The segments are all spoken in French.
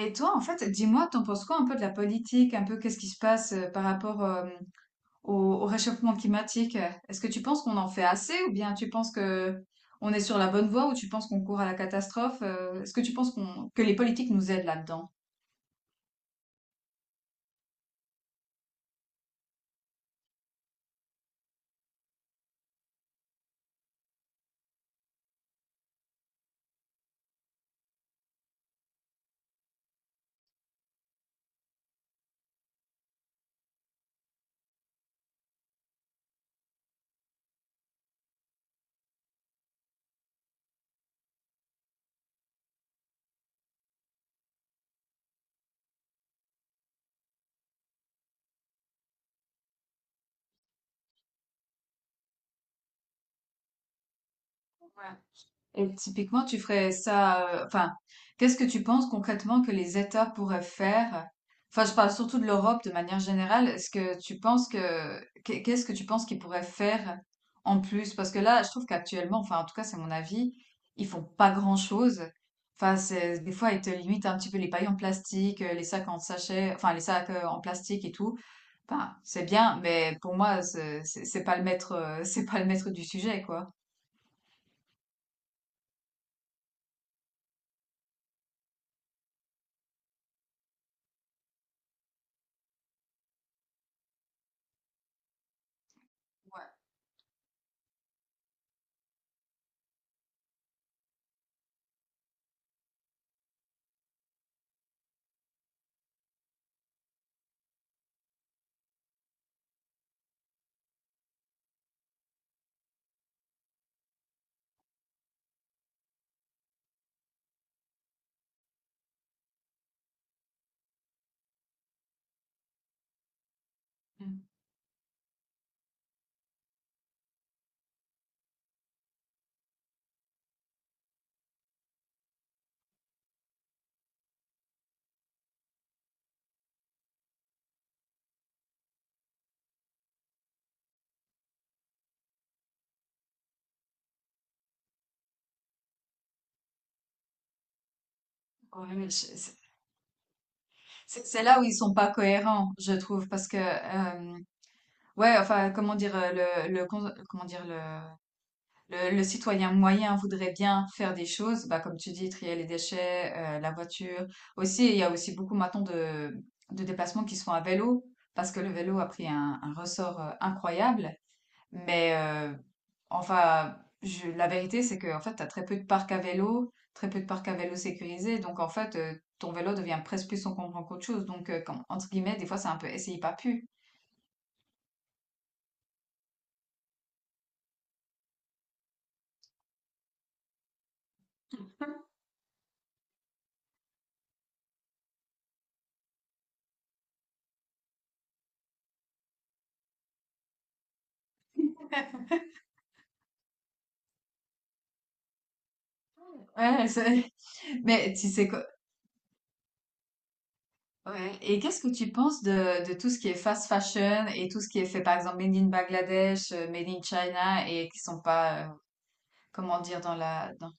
Et toi, en fait, dis-moi, t'en penses quoi un peu de la politique, un peu qu'est-ce qui se passe par rapport au, au réchauffement climatique? Est-ce que tu penses qu'on en fait assez ou bien tu penses que on est sur la bonne voie ou tu penses qu'on court à la catastrophe? Est-ce que tu penses que les politiques nous aident là-dedans? Ouais. Et typiquement, tu ferais ça, enfin, qu'est-ce que tu penses concrètement que les États pourraient faire? Enfin, je parle surtout de l'Europe de manière générale. Est-ce que tu penses que, qu'est-ce que tu penses qu'ils pourraient faire en plus? Parce que là, je trouve qu'actuellement, enfin, en tout cas, c'est mon avis, ils font pas grand-chose. Enfin, c'est, des fois, ils te limitent un petit peu les pailles en plastique, les sacs en sachet, enfin, les sacs en plastique et tout. Enfin, c'est bien, mais pour moi, c'est pas le maître, c'est pas le maître du sujet, quoi. Ouais. Mm. Ouais, C'est là où ils sont pas cohérents, je trouve, parce que ouais, enfin, comment dire, comment dire, le citoyen moyen voudrait bien faire des choses, bah comme tu dis, trier les déchets, la voiture. Aussi, il y a aussi beaucoup maintenant de déplacements qui sont à vélo, parce que le vélo a pris un ressort incroyable. Mais enfin, la vérité, c'est que en fait, tu as très peu de parcs à vélo, très peu de parcs à vélo sécurisés. Donc, en fait, ton vélo devient presque plus encombrant qu'autre chose. Donc, entre guillemets, des fois, c'est un peu essaye pas pu. Ouais, mais tu sais quoi? Ouais. Et qu'est-ce que tu penses de tout ce qui est fast fashion et tout ce qui est fait, par exemple, made in Bangladesh, made in China et qui sont pas, comment dire, dans,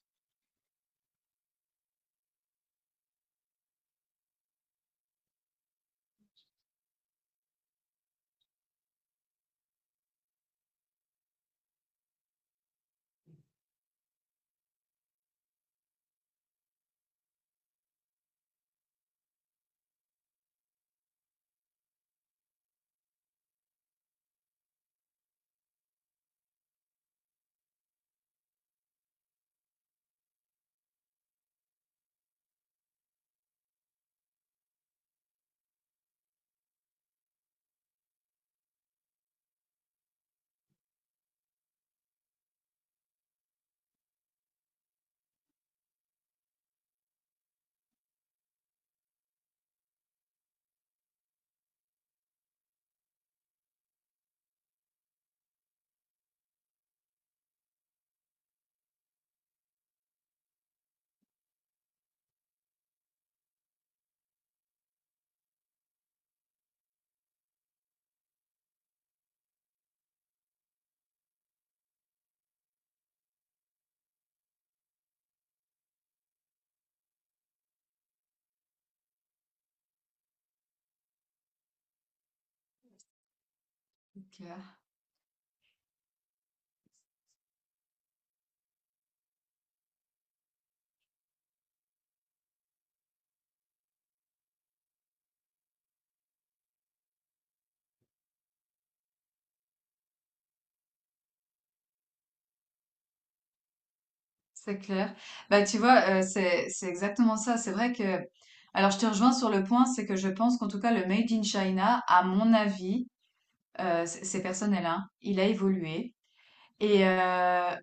le truc, C'est clair. Bah, tu vois, c'est exactement ça. C'est vrai que alors je te rejoins sur le point, c'est que je pense qu'en tout cas le made in China, à mon avis, c'est personnel, hein, il a évolué et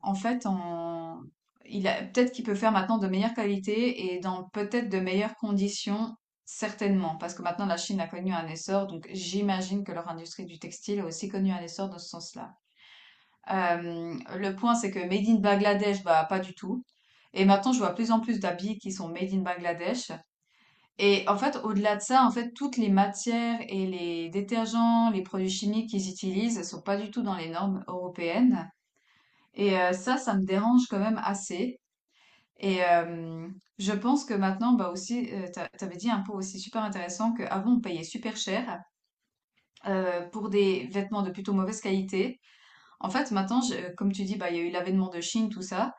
en fait en il a peut-être qu'il peut faire maintenant de meilleure qualité et dans peut-être de meilleures conditions, certainement. Parce que maintenant la Chine a connu un essor, donc j'imagine que leur industrie du textile a aussi connu un essor dans ce sens-là. Le point, c'est que made in Bangladesh, bah, pas du tout. Et maintenant, je vois plus en plus d'habits qui sont made in Bangladesh. Et en fait, au-delà de ça, en fait, toutes les matières et les détergents, les produits chimiques qu'ils utilisent sont pas du tout dans les normes européennes. Et ça, ça me dérange quand même assez. Et je pense que maintenant, bah aussi, tu avais dit un point aussi super intéressant qu'avant, on payait super cher pour des vêtements de plutôt mauvaise qualité. En fait, maintenant, comme tu dis, bah, il y a eu l'avènement de Chine, tout ça.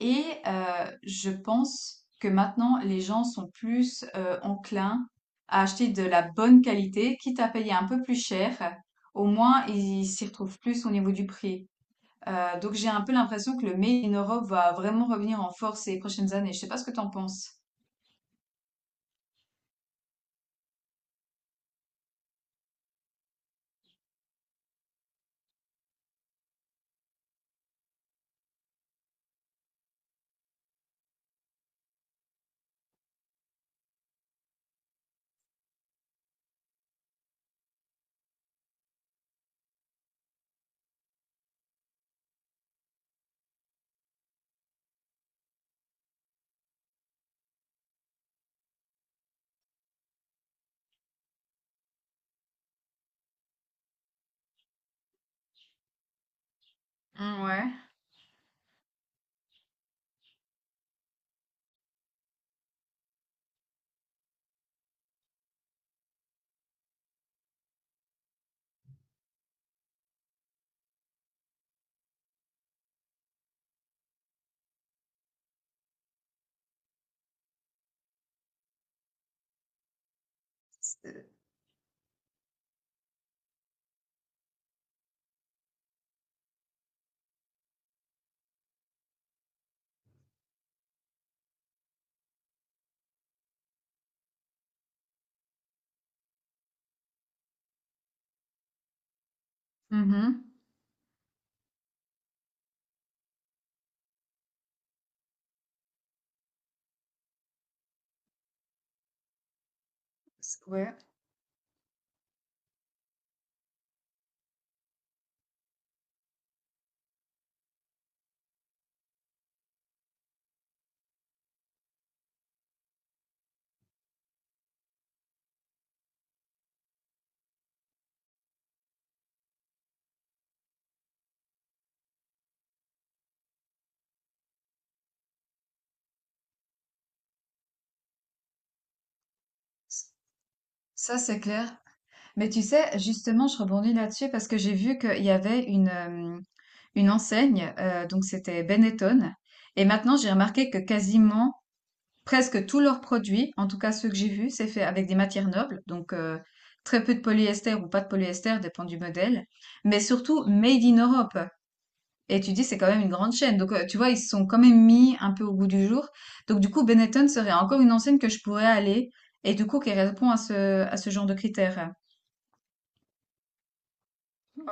Et je pense que maintenant, les gens sont plus enclins à acheter de la bonne qualité, quitte à payer un peu plus cher. Au moins, ils s'y retrouvent plus au niveau du prix. Donc, j'ai un peu l'impression que le made in Europe va vraiment revenir en force ces prochaines années. Je sais pas ce que t'en penses. Mm, ouais. Mhm. Ouais. Ça, c'est clair. Mais tu sais, justement, je rebondis là-dessus parce que j'ai vu qu'il y avait une enseigne, donc c'était Benetton. Et maintenant, j'ai remarqué que quasiment, presque tous leurs produits, en tout cas ceux que j'ai vus, c'est fait avec des matières nobles, donc très peu de polyester ou pas de polyester, dépend du modèle, mais surtout made in Europe. Et tu dis, c'est quand même une grande chaîne. Donc, tu vois, ils se sont quand même mis un peu au goût du jour. Donc, du coup, Benetton serait encore une enseigne que je pourrais aller et du coup, qui répond à ce genre de critères. Ouais.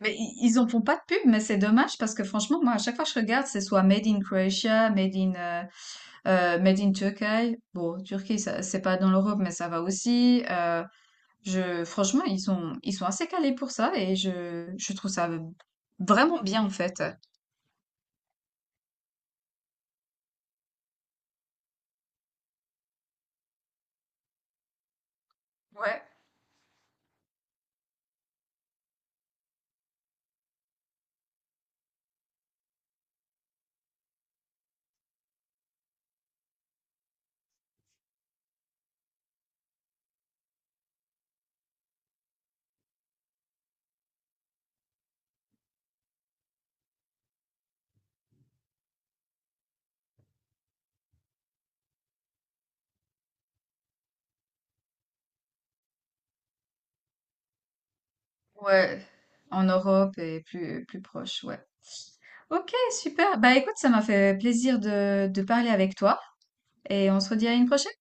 Mais ils en font pas de pub, mais c'est dommage parce que franchement, moi, à chaque fois que je regarde, c'est soit made in Croatia, made in Turkey. Bon, Turquie, c'est pas dans l'Europe, mais ça va aussi. Franchement, ils sont assez calés pour ça et je trouve ça vraiment bien en fait. Ouais, ouais. En Europe et plus, plus proche, ouais. Ok, super. Bah écoute, ça m'a fait plaisir de parler avec toi et on se redit à une prochaine.